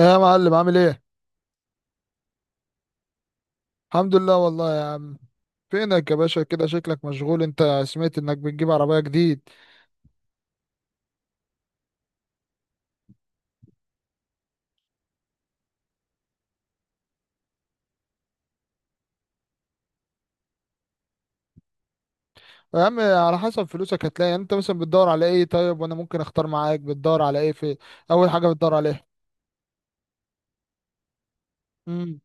ايه يا معلم عامل ايه؟ الحمد لله والله يا عم. فينك يا باشا؟ كده شكلك مشغول. انت سمعت انك بتجيب عربية جديد؟ يا عم على حسب فلوسك هتلاقي، يعني انت مثلا بتدور على ايه؟ طيب وانا ممكن اختار معاك. بتدور على ايه في اول حاجة بتدور عليها؟ امم،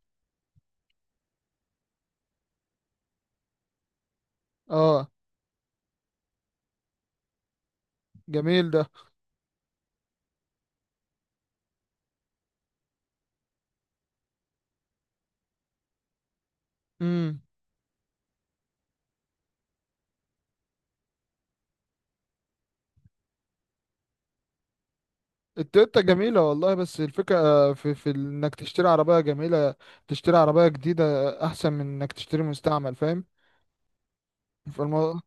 اه جميل ده. امم، التويوتا جميلة والله، بس الفكرة في انك تشتري عربية جميلة، تشتري عربية جديدة احسن من انك تشتري مستعمل، فاهم؟ فالمو-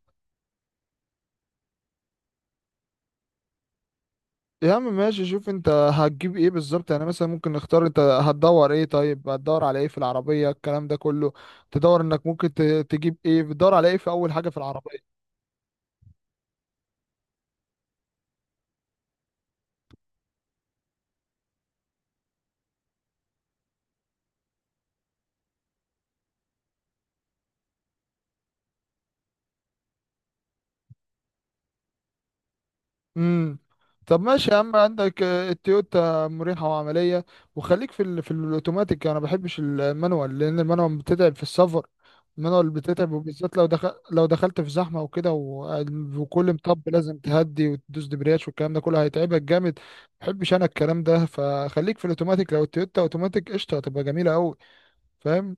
يا عم ماشي، شوف انت هتجيب ايه بالظبط، يعني مثلا ممكن نختار، انت هتدور ايه؟ طيب هتدور على ايه في العربية الكلام ده كله؟ تدور انك ممكن تجيب ايه؟ بتدور على ايه في اول حاجة في العربية؟ امم. طب ماشي يا عم، عندك التويوتا مريحة وعملية، وخليك في في الاوتوماتيك، انا ما بحبش المانوال لان المانوال بتتعب في السفر. المانوال بتتعب، وبالذات لو لو دخلت في زحمة وكده وكل مطب لازم تهدي وتدوس دبرياج والكلام ده كله هيتعبك جامد، ما بحبش انا الكلام ده. فخليك في الاوتوماتيك، لو التويوتا اوتوماتيك قشطة هتبقى جميلة قوي. فاهم.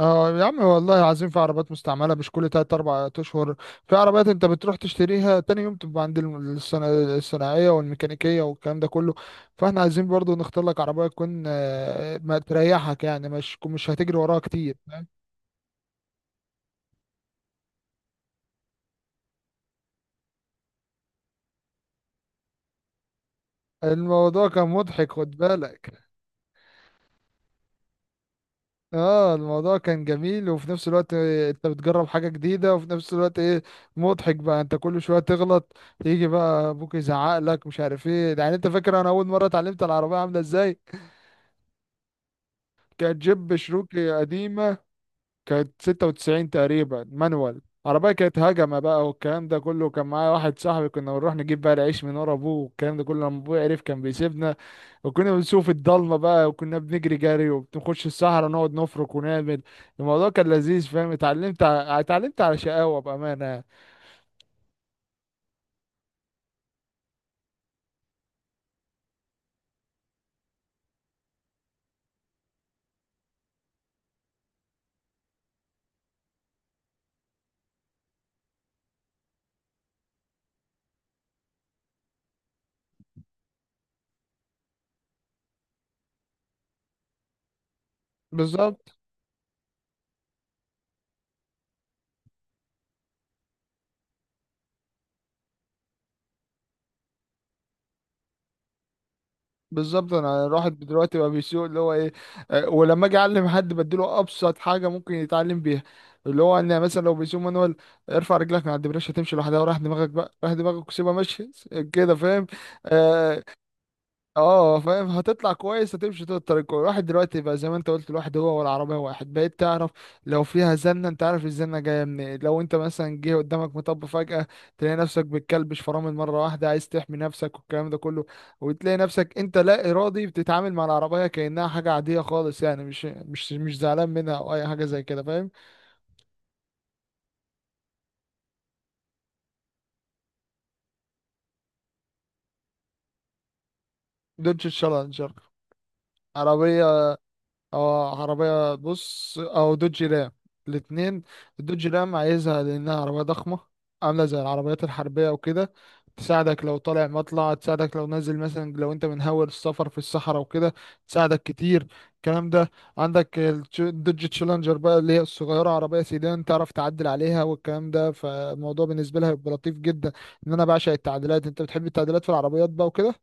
اه يا عم والله، عايزين في عربيات مستعملة مش كل تلات أربع أشهر. في عربيات أنت بتروح تشتريها تاني يوم تبقى عند الصناعية والميكانيكية والكلام ده كله. فاحنا عايزين برضو نختار لك عربية تكون ما تريحك، يعني مش هتجري وراها كتير، فاهم؟ الموضوع كان مضحك خد بالك. اه الموضوع كان جميل، وفي نفس الوقت انت بتجرب حاجة جديدة، وفي نفس الوقت ايه، مضحك بقى، انت كل شوية تغلط. يجي بقى ابوك يزعق لك مش عارف ايه. يعني انت فاكر انا اول مرة اتعلمت العربية عاملة ازاي؟ كانت جيب شروكي قديمة. كانت ستة وتسعين تقريبا مانوال. عربية كانت هجمة بقى والكلام ده كله، كان معايا واحد صاحبي كنا بنروح نجيب بقى العيش من ورا أبوه والكلام ده كله، لما أبوه عرف كان بيسيبنا. وكنا بنسوق في الضلمة بقى، وكنا بنجري جري وبنخش الصحراء نقعد نفرك ونعمل. الموضوع كان لذيذ فاهم، اتعلمت اتعلمت على شقاوة بأمانة يعني. بالظبط. بالظبط، انا الواحد دلوقتي بقى بيسوق اللي هو ايه، ولما اجي اعلم حد بديله ابسط حاجه ممكن يتعلم بيها اللي هو ان مثلا لو بيسوق مانوال، ارفع رجلك من على الدبريش هتمشي لوحدها، وراح دماغك بقى، راح دماغك وسيبها ماشيه كده فاهم. آه، اه فاهم، هتطلع كويس هتمشي طول الطريق كويس. الواحد دلوقتي بقى زي ما انت قلت، الواحد هو والعربية واحد، بقيت تعرف لو فيها زنة انت عارف الزنة جاية منين، لو انت مثلا جه قدامك مطب فجأة تلاقي نفسك بتكلبش فرامل مرة واحدة عايز تحمي نفسك والكلام ده كله. وتلاقي نفسك انت لا ارادي بتتعامل مع العربية كأنها حاجة عادية خالص، يعني مش زعلان منها او اي حاجة زي كده فاهم. دوتش تشالنجر. عربية، اه عربية بص، او دوج رام. الاتنين. الدوج رام عايزها لانها عربية ضخمة، عاملة زي العربيات الحربية وكده. تساعدك لو طالع مطلع، تساعدك لو نازل، مثلا لو انت من هاول السفر في الصحراء وكده تساعدك كتير الكلام ده. عندك الدوج تشالنجر بقى اللي هي الصغيرة، عربية سيدان تعرف تعدل عليها والكلام ده، فالموضوع بالنسبة لها هيبقى لطيف جدا. ان انا بعشق التعديلات، انت بتحب التعديلات في العربيات بقى وكده؟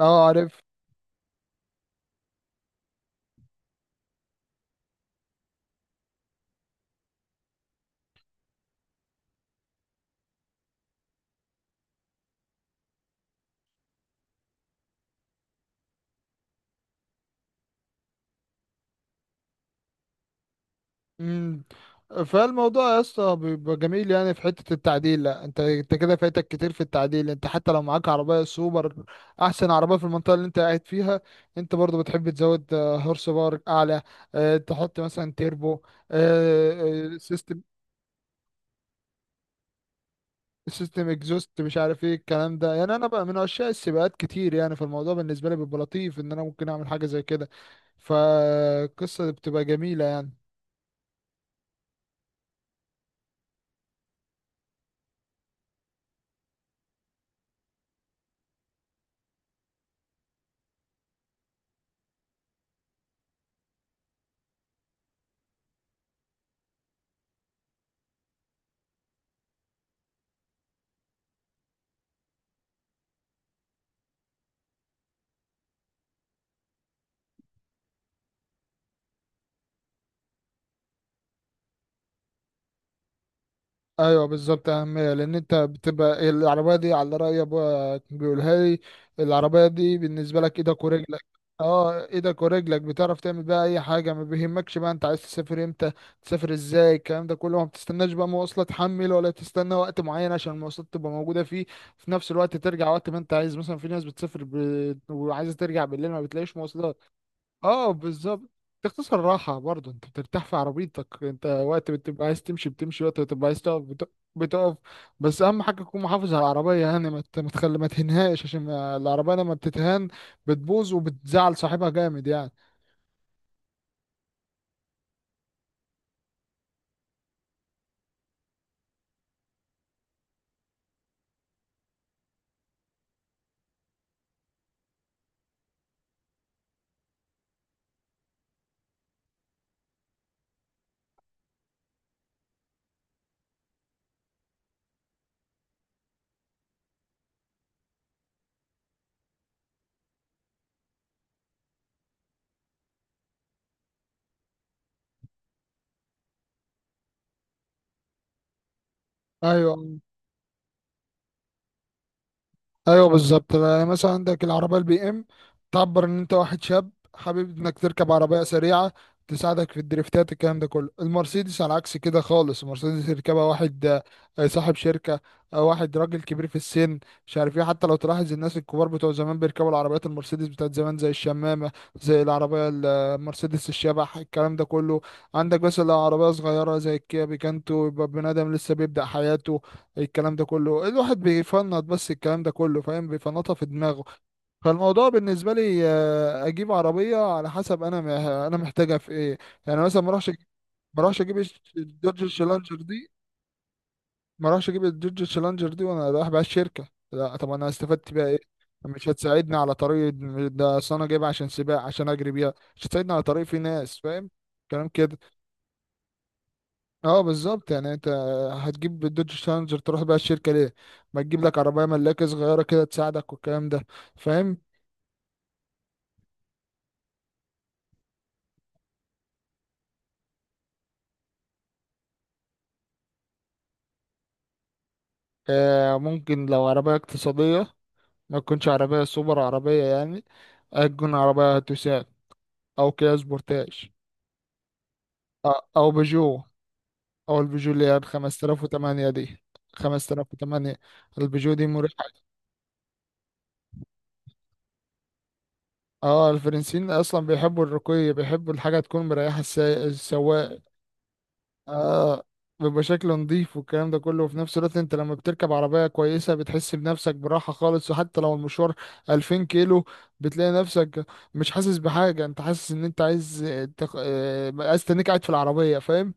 اه عارف. امم، فالموضوع يا اسطى بيبقى جميل يعني في حته التعديل، لا انت انت كده فايتك كتير في التعديل، انت حتى لو معاك عربيه سوبر، احسن عربيه في المنطقه اللي انت قاعد فيها، انت برضو بتحب تزود هورس باور اعلى، تحط مثلا تيربو، سيستم، سيستم اكزوست مش عارف ايه الكلام ده. يعني انا بقى من عشاق السباقات كتير يعني، فالموضوع بالنسبه لي بيبقى لطيف ان انا ممكن اعمل حاجه زي كده، فالقصه بتبقى جميله يعني. ايوه بالظبط، اهميه، لان انت بتبقى العربيه دي على راي ابويا كان بيقولها لي، العربيه دي بالنسبه لك ايدك ورجلك. اه ايدك ورجلك، بتعرف تعمل بقى اي حاجه ما بيهمكش بقى، انت عايز تسافر امتى تسافر ازاي الكلام ده كله، ما بتستناش بقى مواصله تحمل ولا تستنى وقت معين عشان المواصلات تبقى موجوده فيه. في نفس الوقت ترجع وقت ما انت عايز، مثلا في ناس بتسافر وعايزه ترجع بالليل ما بتلاقيش مواصلات. اه بالظبط. تختصر راحة برضه، انت بترتاح في عربيتك، انت وقت بتبقى عايز تمشي بتمشي، وقت بتبقى عايز تقف بتقف. بس اهم حاجة تكون محافظ على العربية يعني، ما تهنهاش، عشان ما- العربية لما بتتهان بتبوظ وبتزعل صاحبها جامد يعني. ايوه. ايوه بالظبط، يعني مثلا عندك العربيه البي ام تعبر ان انت واحد شاب حابب انك تركب عربيه سريعه، تساعدك في الدريفتات الكلام ده كله. المرسيدس على عكس كده خالص، المرسيدس يركبها واحد صاحب شركه، او واحد راجل كبير في السن مش عارف ايه. حتى لو تلاحظ الناس الكبار بتوع زمان بيركبوا العربيات المرسيدس بتاعت زمان زي الشمامه، زي المرسيدس الشبح الكلام ده كله. عندك بس لو عربيه صغيره زي الكيا بيكانتو يبقى بني ادم لسه بيبدأ حياته الكلام ده كله، الواحد بيفنط بس الكلام ده كله فاهم، بيفنطها في دماغه. فالموضوع بالنسبه لي اجيب عربيه على حسب انا انا محتاجها في ايه، يعني مثلا ما اروحش اجيب الش- الدوج شالنجر دي، ما اروحش اجيب الدوج شالنجر دي وانا رايح بقى الشركه، لا طب انا استفدت بيها ايه؟ مش هتساعدني على طريق، ده اصل انا جايبها عشان سباق، عشان اجري بيها، مش هتساعدني على طريق فيه ناس فاهم. كلام كده. اه بالظبط، يعني انت هتجيب الدوج شانجر تروح بقى الشركه ليه؟ ما تجيب لك عربيه ملاكه صغيره كده تساعدك والكلام ده. فاهم. آه ممكن، لو عربيه اقتصاديه، ما تكونش عربيه سوبر عربيه يعني، تكون عربيه توسان، او كيا سبورتاج، او بيجو، او البيجو اللي هي ب 5008 دي. 5008 البيجو دي مريحه. اه الفرنسيين اصلا بيحبوا الرقي، بيحبوا الحاجه تكون مريحه السواق. اه بيبقى شكله نضيف والكلام ده كله، وفي نفس الوقت انت لما بتركب عربية كويسة بتحس بنفسك براحة خالص، وحتى لو المشوار 2000 كيلو بتلاقي نفسك مش حاسس بحاجة، انت حاسس ان انت عايز تق... آه، عايز تنك قاعد في العربية فاهم.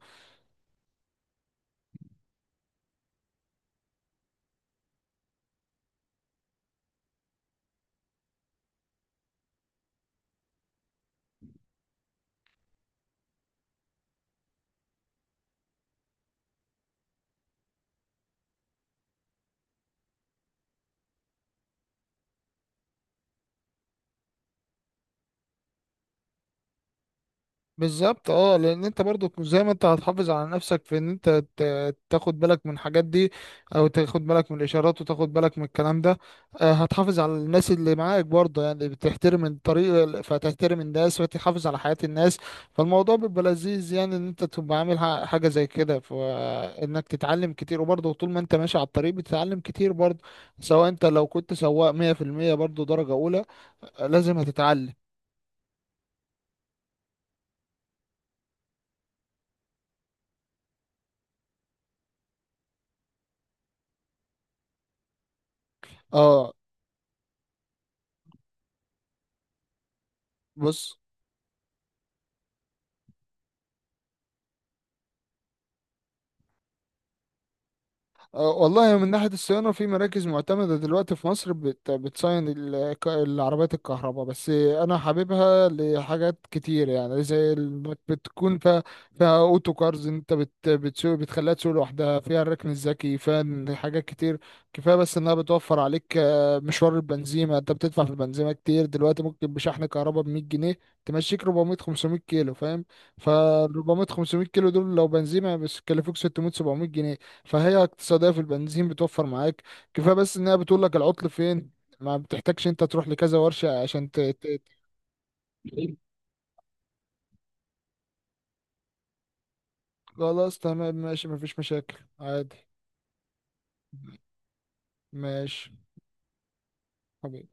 بالظبط. اه لان انت برضو زي ما انت هتحافظ على نفسك في ان انت تاخد بالك من الحاجات دي، او تاخد بالك من الاشارات، وتاخد بالك من الكلام ده، هتحافظ على الناس اللي معاك برضه، يعني بتحترم الطريق فتحترم الناس فتحافظ على حياة الناس. فالموضوع بيبقى لذيذ يعني، ان انت تبقى عامل حاجة زي كده، فانك تتعلم كتير، وبرضه طول ما انت ماشي على الطريق بتتعلم كتير برضه، سواء انت لو كنت سواق 100% برضه درجة اولى، لازم هتتعلم. اه بص، والله من ناحية الصيانة في مراكز معتمدة دلوقتي في مصر بتصين العربيات الكهرباء. بس أنا حاببها لحاجات كتير يعني، زي إنك بتكون فيها، فيها أوتو كارز، أنت بتسوق بتخليها تسوق لوحدها، فيها الركن الذكي، فيها إن حاجات كتير. كفاية بس إنها بتوفر عليك مشوار البنزيمة، أنت بتدفع في البنزيمة كتير دلوقتي، ممكن بشحن كهرباء ب 100 جنيه تمشيك 400 500 كيلو فاهم. ف 400 500 كيلو دول لو بنزيمة بس يكلفوك 600 700 جنيه. فهي اقتصادية في البنزين، بتوفر معاك. كفاية بس انها بتقول لك العطل فين، ما بتحتاجش انت تروح لكذا ورشة عشان ت- خلاص تمام ماشي، مفيش مشاكل عادي. ماشي حبيبي.